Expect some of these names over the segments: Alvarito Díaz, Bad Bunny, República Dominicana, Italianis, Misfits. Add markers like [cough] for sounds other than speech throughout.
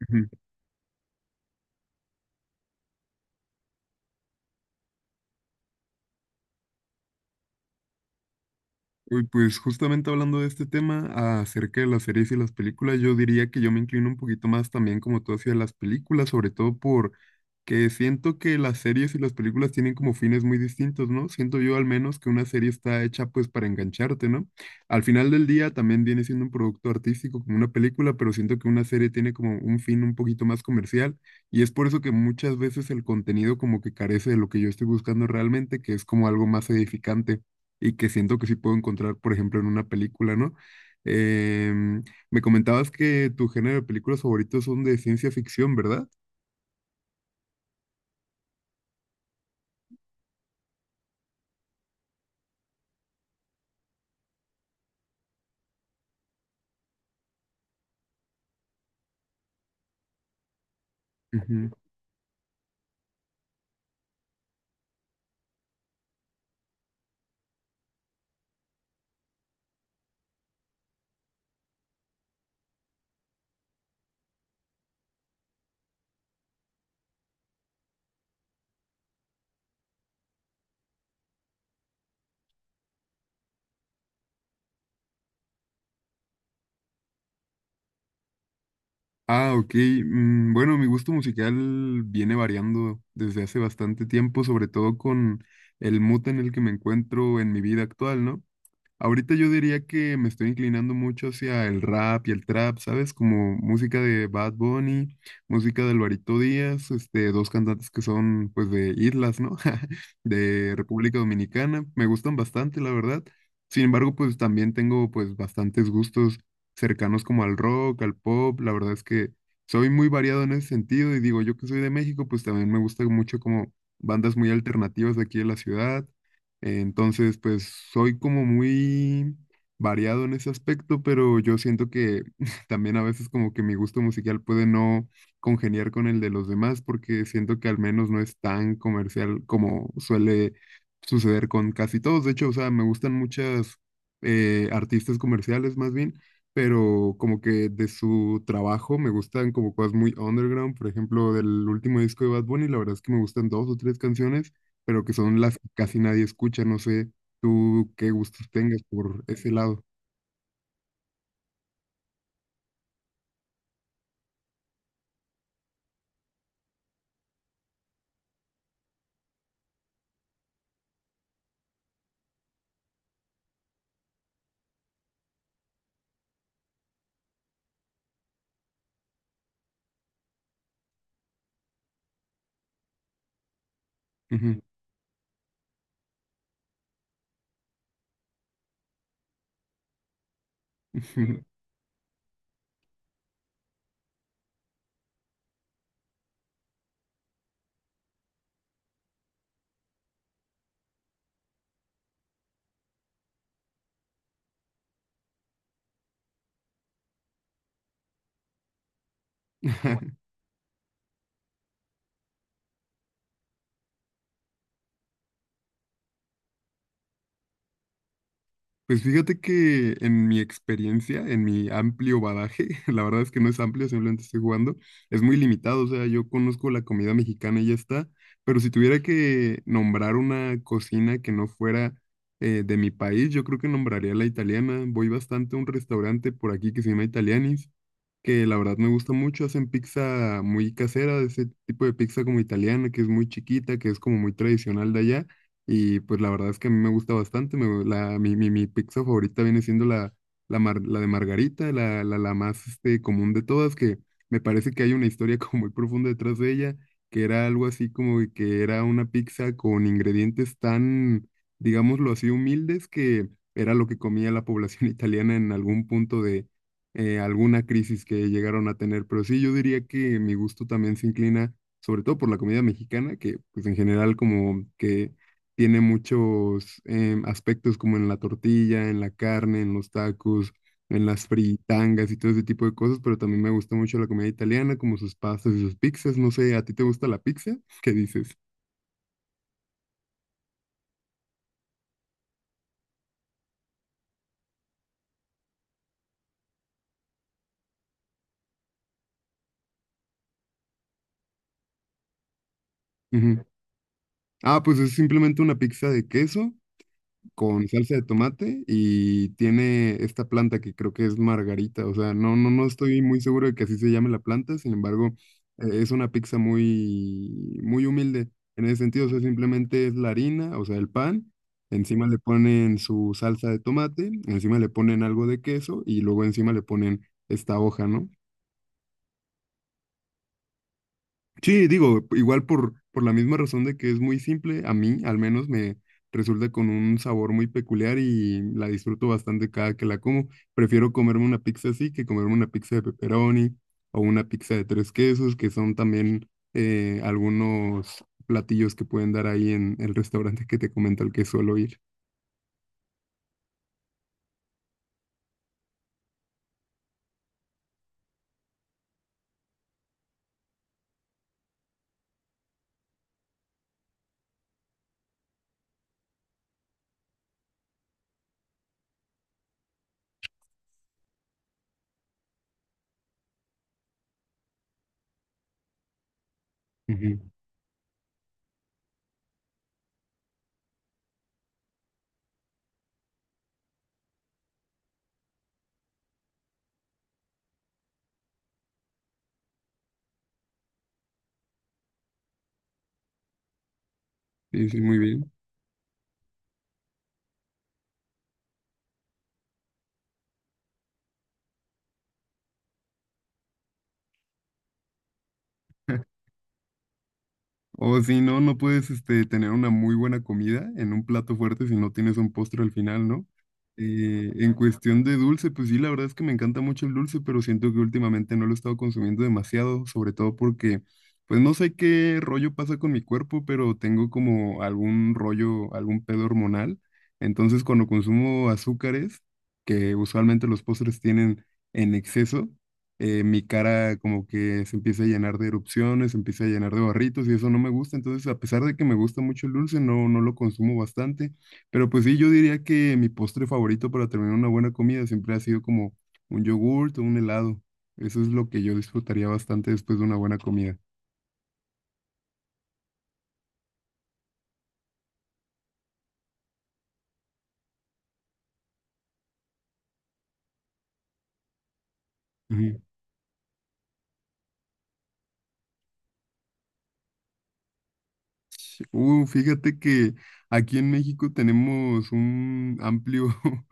Ujú. Uy, pues justamente hablando de este tema acerca de las series y las películas, yo diría que yo me inclino un poquito más también como tú hacia las películas, sobre todo por que siento que las series y las películas tienen como fines muy distintos, ¿no? Siento yo al menos que una serie está hecha pues para engancharte, ¿no? Al final del día también viene siendo un producto artístico como una película, pero siento que una serie tiene como un fin un poquito más comercial y es por eso que muchas veces el contenido como que carece de lo que yo estoy buscando realmente, que es como algo más edificante, y que siento que sí puedo encontrar, por ejemplo, en una película, ¿no? Em, Me comentabas que tu género de películas favoritos son de ciencia ficción, ¿verdad? Ujú. Ah, ok. Bueno, mi gusto musical viene variando desde hace bastante tiempo, sobre todo con el mood en el que me encuentro en mi vida actual, ¿no? Ahorita yo diría que me estoy inclinando mucho hacia el rap y el trap, ¿sabes? Como música de Bad Bunny, música de Alvarito Díaz, este, dos cantantes que son pues de islas, ¿no? [laughs] De República Dominicana. Me gustan bastante, la verdad. Sin embargo, pues también tengo pues bastantes gustos cercanos como al rock, al pop. La verdad es que soy muy variado en ese sentido y digo, yo que soy de México, pues también me gusta mucho como bandas muy alternativas de aquí de la ciudad. Entonces, pues soy como muy variado en ese aspecto, pero yo siento que [laughs] también a veces como que mi gusto musical puede no congeniar con el de los demás porque siento que al menos no es tan comercial como suele suceder con casi todos. De hecho, o sea, me gustan muchas artistas comerciales más bien, pero como que de su trabajo me gustan como cosas muy underground. Por ejemplo, del último disco de Bad Bunny, la verdad es que me gustan dos o tres canciones pero que son las que casi nadie escucha. No sé tú qué gustos tengas por ese lado. Ujú, ujú. [laughs] Pues fíjate que en mi experiencia, en mi amplio badaje, [laughs] la verdad es que no es amplio, simplemente estoy jugando, es muy limitado, o sea, yo conozco la comida mexicana y ya está, pero si tuviera que nombrar una cocina que no fuera de mi país, yo creo que nombraría la italiana. Voy bastante a un restaurante por aquí que se llama Italianis que la verdad me gusta mucho. Hacen pizza muy casera, de ese tipo de pizza como italiana, que es muy chiquita, que es como muy tradicional de allá. Y pues la verdad es que a mí me gusta bastante. Me, la, mi pizza favorita viene siendo la de margarita, la más este, común de todas, que me parece que hay una historia [laughs] como muy profunda detrás de ella, que era algo así como de que era una pizza con ingredientes tan, digámoslo así, humildes que… Era lo que comía la población [laughs] italiana en algún punto alguna crisis que llegaron a tener, pero sí, yo diría que mi gusto también se inclina, sobre todo por la comida mexicana, que pues en general como que tiene muchos aspectos como en la tortilla, en la carne, en los tacos, en las fritangas y todo ese tipo de cosas, pero también me gusta mucho la comida italiana, como sus pastas y sus pizzas, no sé, ¿a ti te gusta la pizza? [laughs] ¿Qué dices? Ujú. Ah, pues es simplemente una pizza de queso con salsa de tomate y tiene esta planta que creo que es margarita, o sea, no estoy muy seguro de que así se llame la planta, sin embargo, es una pizza muy, muy humilde en ese sentido, o sea, simplemente es la harina, o sea, el pan, encima le ponen su salsa de tomate, encima le ponen algo de queso y luego encima le ponen esta hoja, ¿no? Sí, digo, igual por la misma razón de que es muy simple, a mí al menos me resulta con un sabor muy peculiar y la disfruto bastante cada que la como. Prefiero comerme una pizza así que comerme una pizza de pepperoni o una pizza de tres quesos, que son también algunos platillos que pueden dar ahí en el restaurante que te comento al que suelo ir. Ujú. Sí, sí, muy bien. O si no, no puedes este, tener una muy buena comida en un plato fuerte si no tienes un postre al final, ¿no? En cuestión de dulce, pues sí, la verdad es que me encanta mucho el dulce, pero siento que últimamente no lo he estado consumiendo demasiado, sobre todo porque, pues no sé qué rollo pasa con mi cuerpo, pero tengo como algún rollo, algún pedo hormonal. Entonces, cuando consumo azúcares, que usualmente los postres tienen en exceso, mi cara como que se empieza a llenar de erupciones, se empieza a llenar de barritos y eso no me gusta. Entonces, a pesar de que me gusta mucho el dulce, no, no lo consumo bastante. Pero pues sí, yo diría que mi postre favorito para terminar una buena comida siempre ha sido como un yogurt o un helado. Eso es lo que yo disfrutaría bastante después de una buena comida. Fíjate que aquí en México tenemos un amplio, [laughs]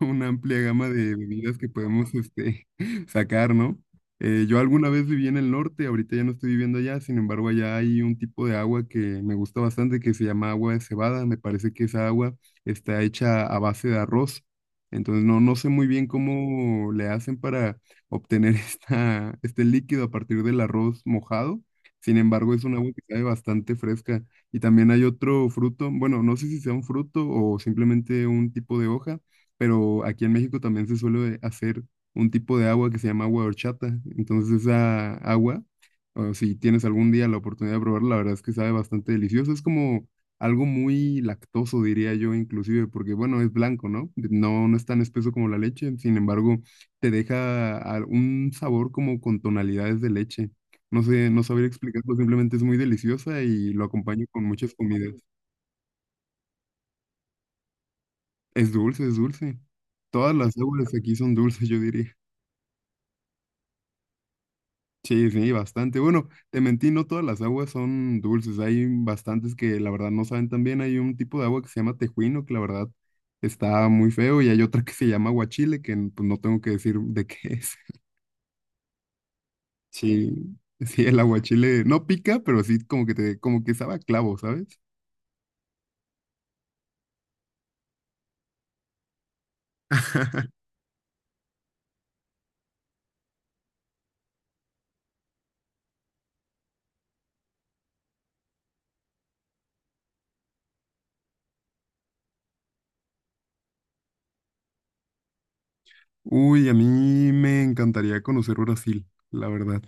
una amplia gama de bebidas que podemos este, [laughs] sacar, ¿no? Yo alguna vez viví en el norte, ahorita ya no estoy viviendo allá, sin embargo, allá hay un tipo de agua que me gusta bastante que se llama agua de cebada. Me parece que esa agua está hecha a base de arroz. Entonces, no sé muy bien cómo le hacen para obtener [laughs] este líquido a partir del arroz mojado. Sin embargo, es un agua que sabe bastante fresca. Y también hay otro fruto, bueno, no sé si sea un fruto o simplemente un tipo de hoja, pero aquí en México también se suele hacer un tipo de agua que se llama agua de horchata. Entonces esa agua, o si tienes algún día la oportunidad de probarla, la verdad es que sabe bastante delicioso. Es como algo muy lactoso, diría yo, inclusive, porque bueno, es blanco, ¿no? No, no es tan espeso como la leche, sin embargo, te deja a- un sabor como con tonalidades de leche. No sé, no sabría explicarlo, simplemente es muy deliciosa y lo acompaño con muchas comidas. Es dulce, es dulce. Todas las aguas aquí son dulces, yo diría. Sí, sí, bastante. Bueno, te mentí, no todas las aguas son dulces. Hay bastantes que la verdad no saben tan bien. Hay un tipo de agua que se llama tejuino, que la verdad está muy feo, y hay otra que se llama aguachile, pues, no tengo que decir de qué es. [laughs] Sí, sí, el aguachile no pica, pero sí como que te, como que sabe a clavo, ¿sabes? [laughs] Uy, a mí me encantaría conocer Brasil, la verdad.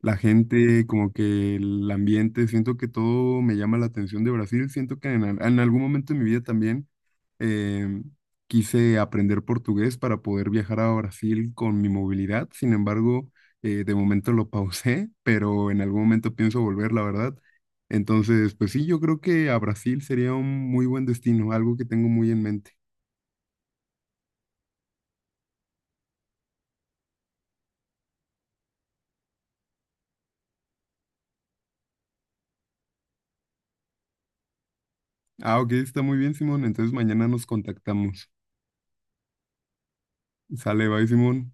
La gente, como que el ambiente, siento que todo me llama la atención de Brasil. Siento que en algún momento de mi vida también eh, quise aprender portugués para poder viajar a Brasil con mi movilidad. Sin embargo, de momento lo pausé, pero en algún momento pienso volver, la verdad. Entonces, pues sí, yo creo que a Brasil sería un muy buen destino, algo que tengo muy en mente. Ah, ok, está muy bien, Simón. Entonces mañana nos contactamos. Sale, bye, Simón.